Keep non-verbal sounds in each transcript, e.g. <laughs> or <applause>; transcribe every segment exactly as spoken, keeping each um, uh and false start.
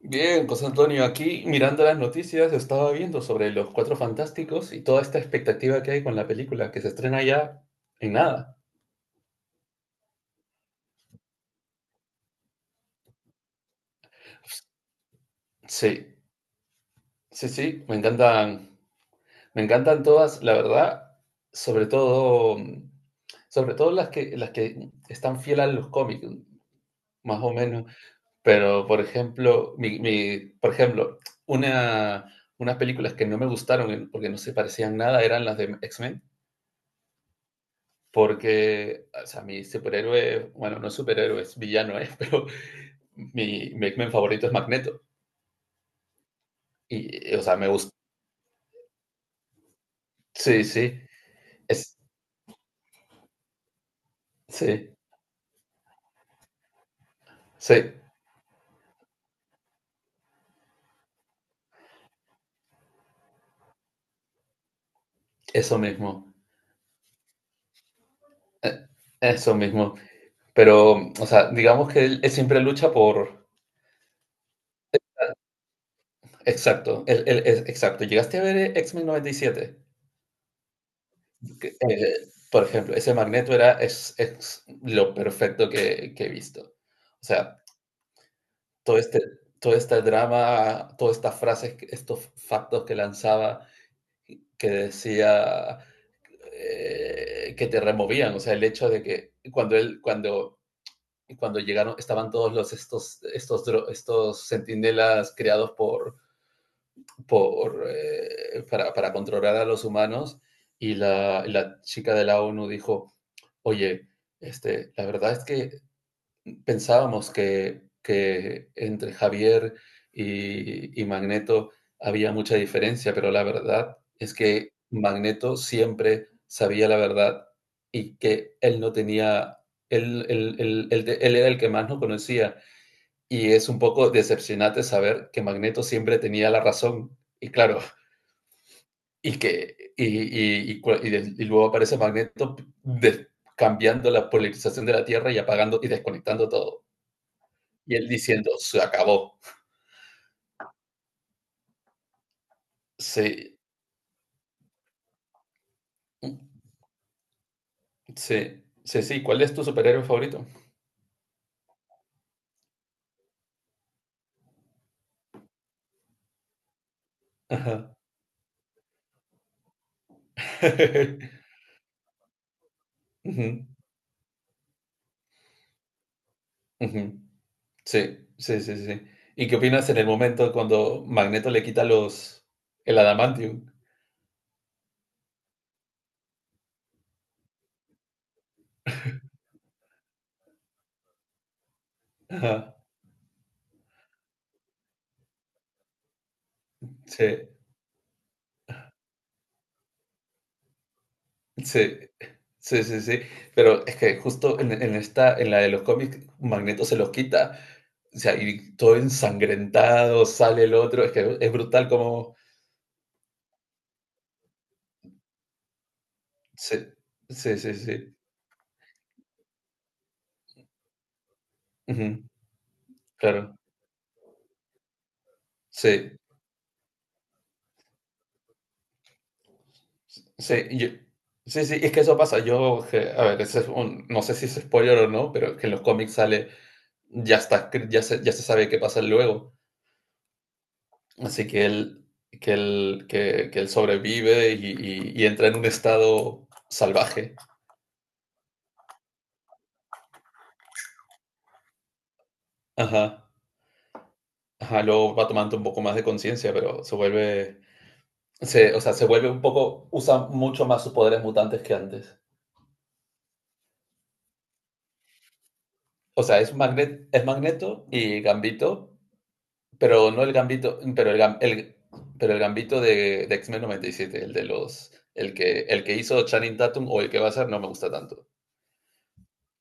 Bien, José Antonio, aquí mirando las noticias estaba viendo sobre los Cuatro Fantásticos y toda esta expectativa que hay con la película que se estrena ya en nada. Sí, sí, sí, me encantan, me encantan todas, la verdad, sobre todo, mm, sobre todo las que, las que están fieles a los cómics, más o menos. Pero, por ejemplo, mi, mi- por ejemplo, una, unas películas que no me gustaron eh, porque no se parecían nada eran las de X-Men. Porque, o sea, mi superhéroe, bueno, no superhéroe, es villano, ¿eh? <laughs> pero mi, mi X-Men favorito es Magneto. Y, o sea, me gusta. Sí, sí, es, sí, sí, eso mismo. eh, Eso mismo. Pero, o sea, digamos que él, él siempre lucha por. Exacto, él- él es- exacto. ¿Llegaste a ver eh, X-Men noventa y siete? Que, eh, por ejemplo, ese Magneto era es, es lo perfecto que, que he visto. O sea, todo este, todo este drama, todas estas frases, estos factos que lanzaba, que decía eh, que te removían, o sea, el hecho de que cuando él, cuando, cuando llegaron, estaban todos los, estos, estos, estos centinelas creados por, por, eh, para, para, controlar a los humanos, y la, la chica de la ONU dijo, oye, este, la verdad es que pensábamos que, que entre Javier y, y Magneto había mucha diferencia, pero la verdad es que Magneto siempre sabía la verdad y que él no tenía, él, él, él, él, él era el que más no conocía. Y es un poco decepcionante saber que Magneto siempre tenía la razón. Y claro, <laughs> y que y, y, y, y y luego aparece Magneto de, cambiando la polarización de la Tierra y apagando y desconectando todo. Y él diciendo, se acabó. Sí, sí, sí, sí. ¿Cuál es tu superhéroe favorito? Ajá. <laughs> Ujú, ujú. Sí, sí, sí, sí. ¿Y qué opinas en el momento cuando Magneto le quita los el adamantium? Ajá. Sí, sí, sí, sí, sí. Pero es que justo en, en esta, en la de los cómics, Magneto se los quita. O sea, y todo ensangrentado, sale el otro. Es que es brutal como... Sí, sí, sí, sí. Ujú, claro. Sí, sí, yo- sí, sí, es que eso pasa. Yo, que- a ver, ese es un- no sé si es spoiler o no, pero que en los cómics sale, ya está, escri- ya se, ya se sabe qué pasa luego. Así que él, que él, que, que él sobrevive y, y- y entra en un estado salvaje. Ajá, ajá, luego va tomando un poco más de conciencia, pero se vuelve, se, o sea, se vuelve un poco, usa mucho más sus poderes mutantes que antes. O sea, es Magnet, es Magneto y Gambito. Pero no el gambito, pero el, gam- el- pero el gambito de, de X-Men noventa y siete, el de los, el que, el que hizo Channing Tatum o el que va a ser, no me gusta tanto.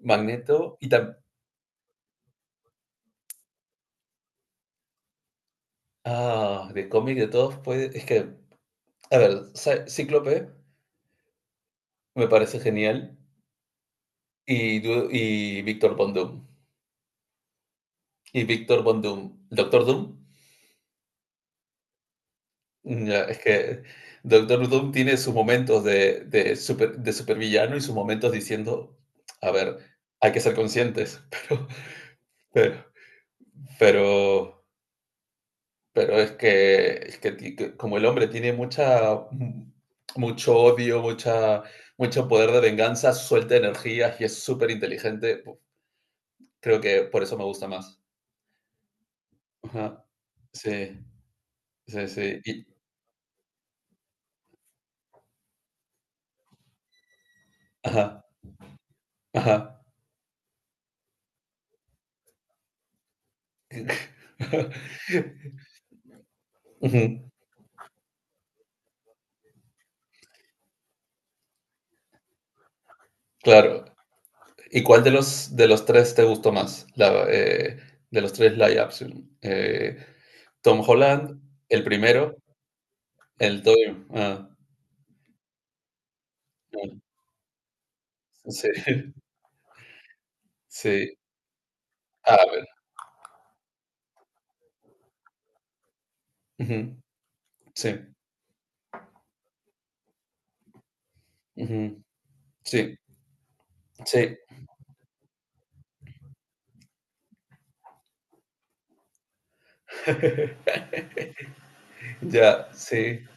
Magneto y también, ah, de cómic de todos, pues es que, a ver, Cy- Cíclope me parece genial y, Du- y Víctor Von Doom. Y Víctor Von Doom, Doctor Doom, ya, es que Doctor Doom tiene sus momentos de, de, super, de supervillano y sus momentos diciendo, a ver, hay que ser conscientes, <laughs> pero Pero, pero es que, es que ti- que como el hombre tiene mucha, mucho odio, mucha, mucho poder de venganza, suelta energía y es súper inteligente, creo que por eso me gusta más. Ajá. Sí, sí, sí. Y- ajá, ajá. <laughs> Ujú, claro. ¿Y cuál de los, de los tres te gustó más? La, eh, de los tres live action. Eh, Tom Holland, el primero, el Toy. Ah, ah, sí, <laughs> sí. Ujú, sí, ujú, sí, sí, ya, sí,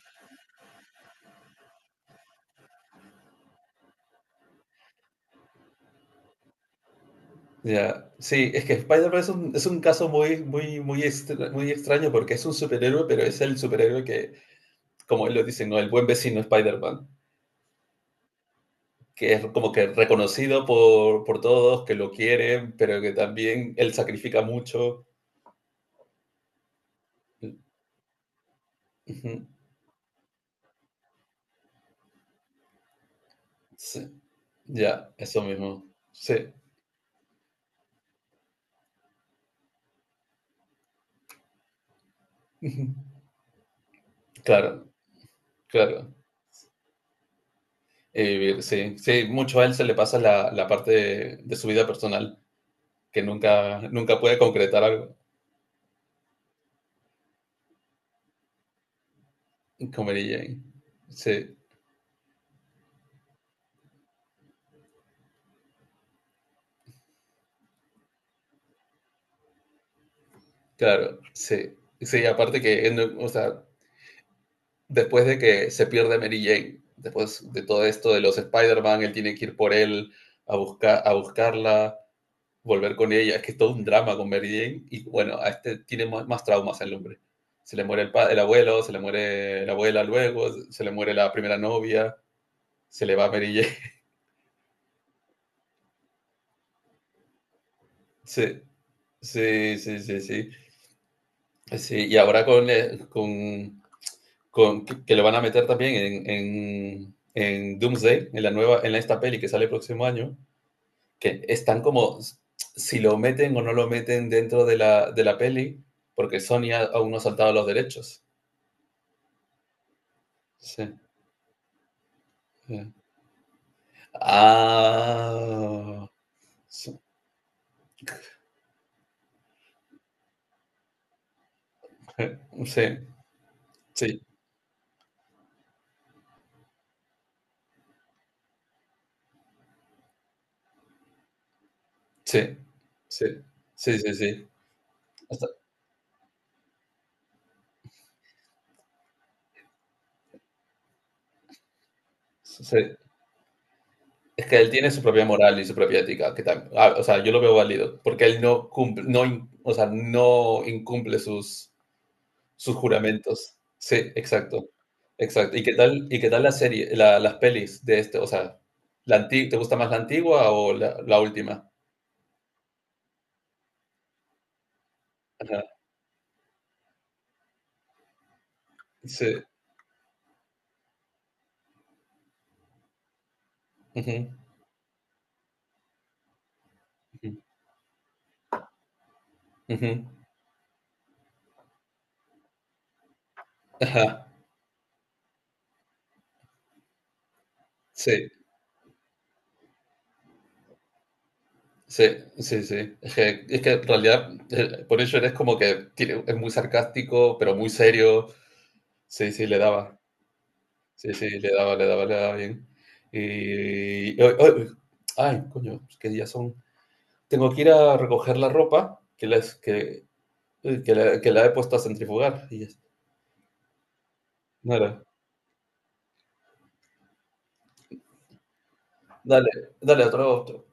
ya. Sí, es que Spider-Man es un es un caso muy muy muy extra muy extraño porque es un superhéroe, pero es el superhéroe que, como él lo dice, ¿no? El buen vecino Spider-Man, que es como que reconocido por por todos, que lo quieren, pero que también él sacrifica mucho. Mm, ujú, sí, ya, eso mismo. Sí, ujú, claro, claro. Eh, sí, sí, mucho a él se le pasa la la parte de de su vida personal, que nunca, nunca puede concretar algo con Mary Jane. Sí, claro, sí. Sí, aparte que, o sea, después de que se pierde Mary Jane, después de todo esto de los Spider-Man, él tiene que ir por él a, buscar, a buscarla, volver con ella. Es que es todo un drama con Mary Jane. Y bueno, a este tiene más, más traumas el hombre. Se le muere el, pa- el abuelo, se le muere la abuela luego, se le muere la primera novia, se le va Mary Jane. <laughs> Sí, sí, sí, sí, sí. Sí, y ahora con, eh, con, con que que lo van a meter también en, en, en Doomsday, en la nueva, en esta peli que sale el próximo año, que están como si lo meten o no lo meten dentro de la, de la peli, porque Sony ha- aún no ha saltado los derechos. Sí. Sí. Ah. Sí, <laughs> sí, sí, sí, sí, sí. Sí. Sí. Hasta, sí. Es que él tiene su propia moral y su propia ética, que tam- ah, o sea, yo lo veo válido, porque él no cumple, no, in- o sea, no incumple sus, sus juramentos. Sí, exacto, exacto. ¿Y qué tal, y qué tal la serie, la- las pelis de este, o sea, la anti- ¿te gusta más la antigua o la, la última? Ajá, sí. Ujú, ujú, ujú. Ajá, sí, sí, sí, sí. Es que, es que en realidad, eh, por eso eres como que tiene- es muy sarcástico, pero muy serio. Sí, sí, le daba. Sí, sí, le daba, le daba, le daba bien. Y y hoy- hoy- Ay, coño, qué días son. Tengo que ir a recoger la ropa que les que, eh, que la, que la he puesto a centrifugar. Y ya está. Dale, dale, dale, otro.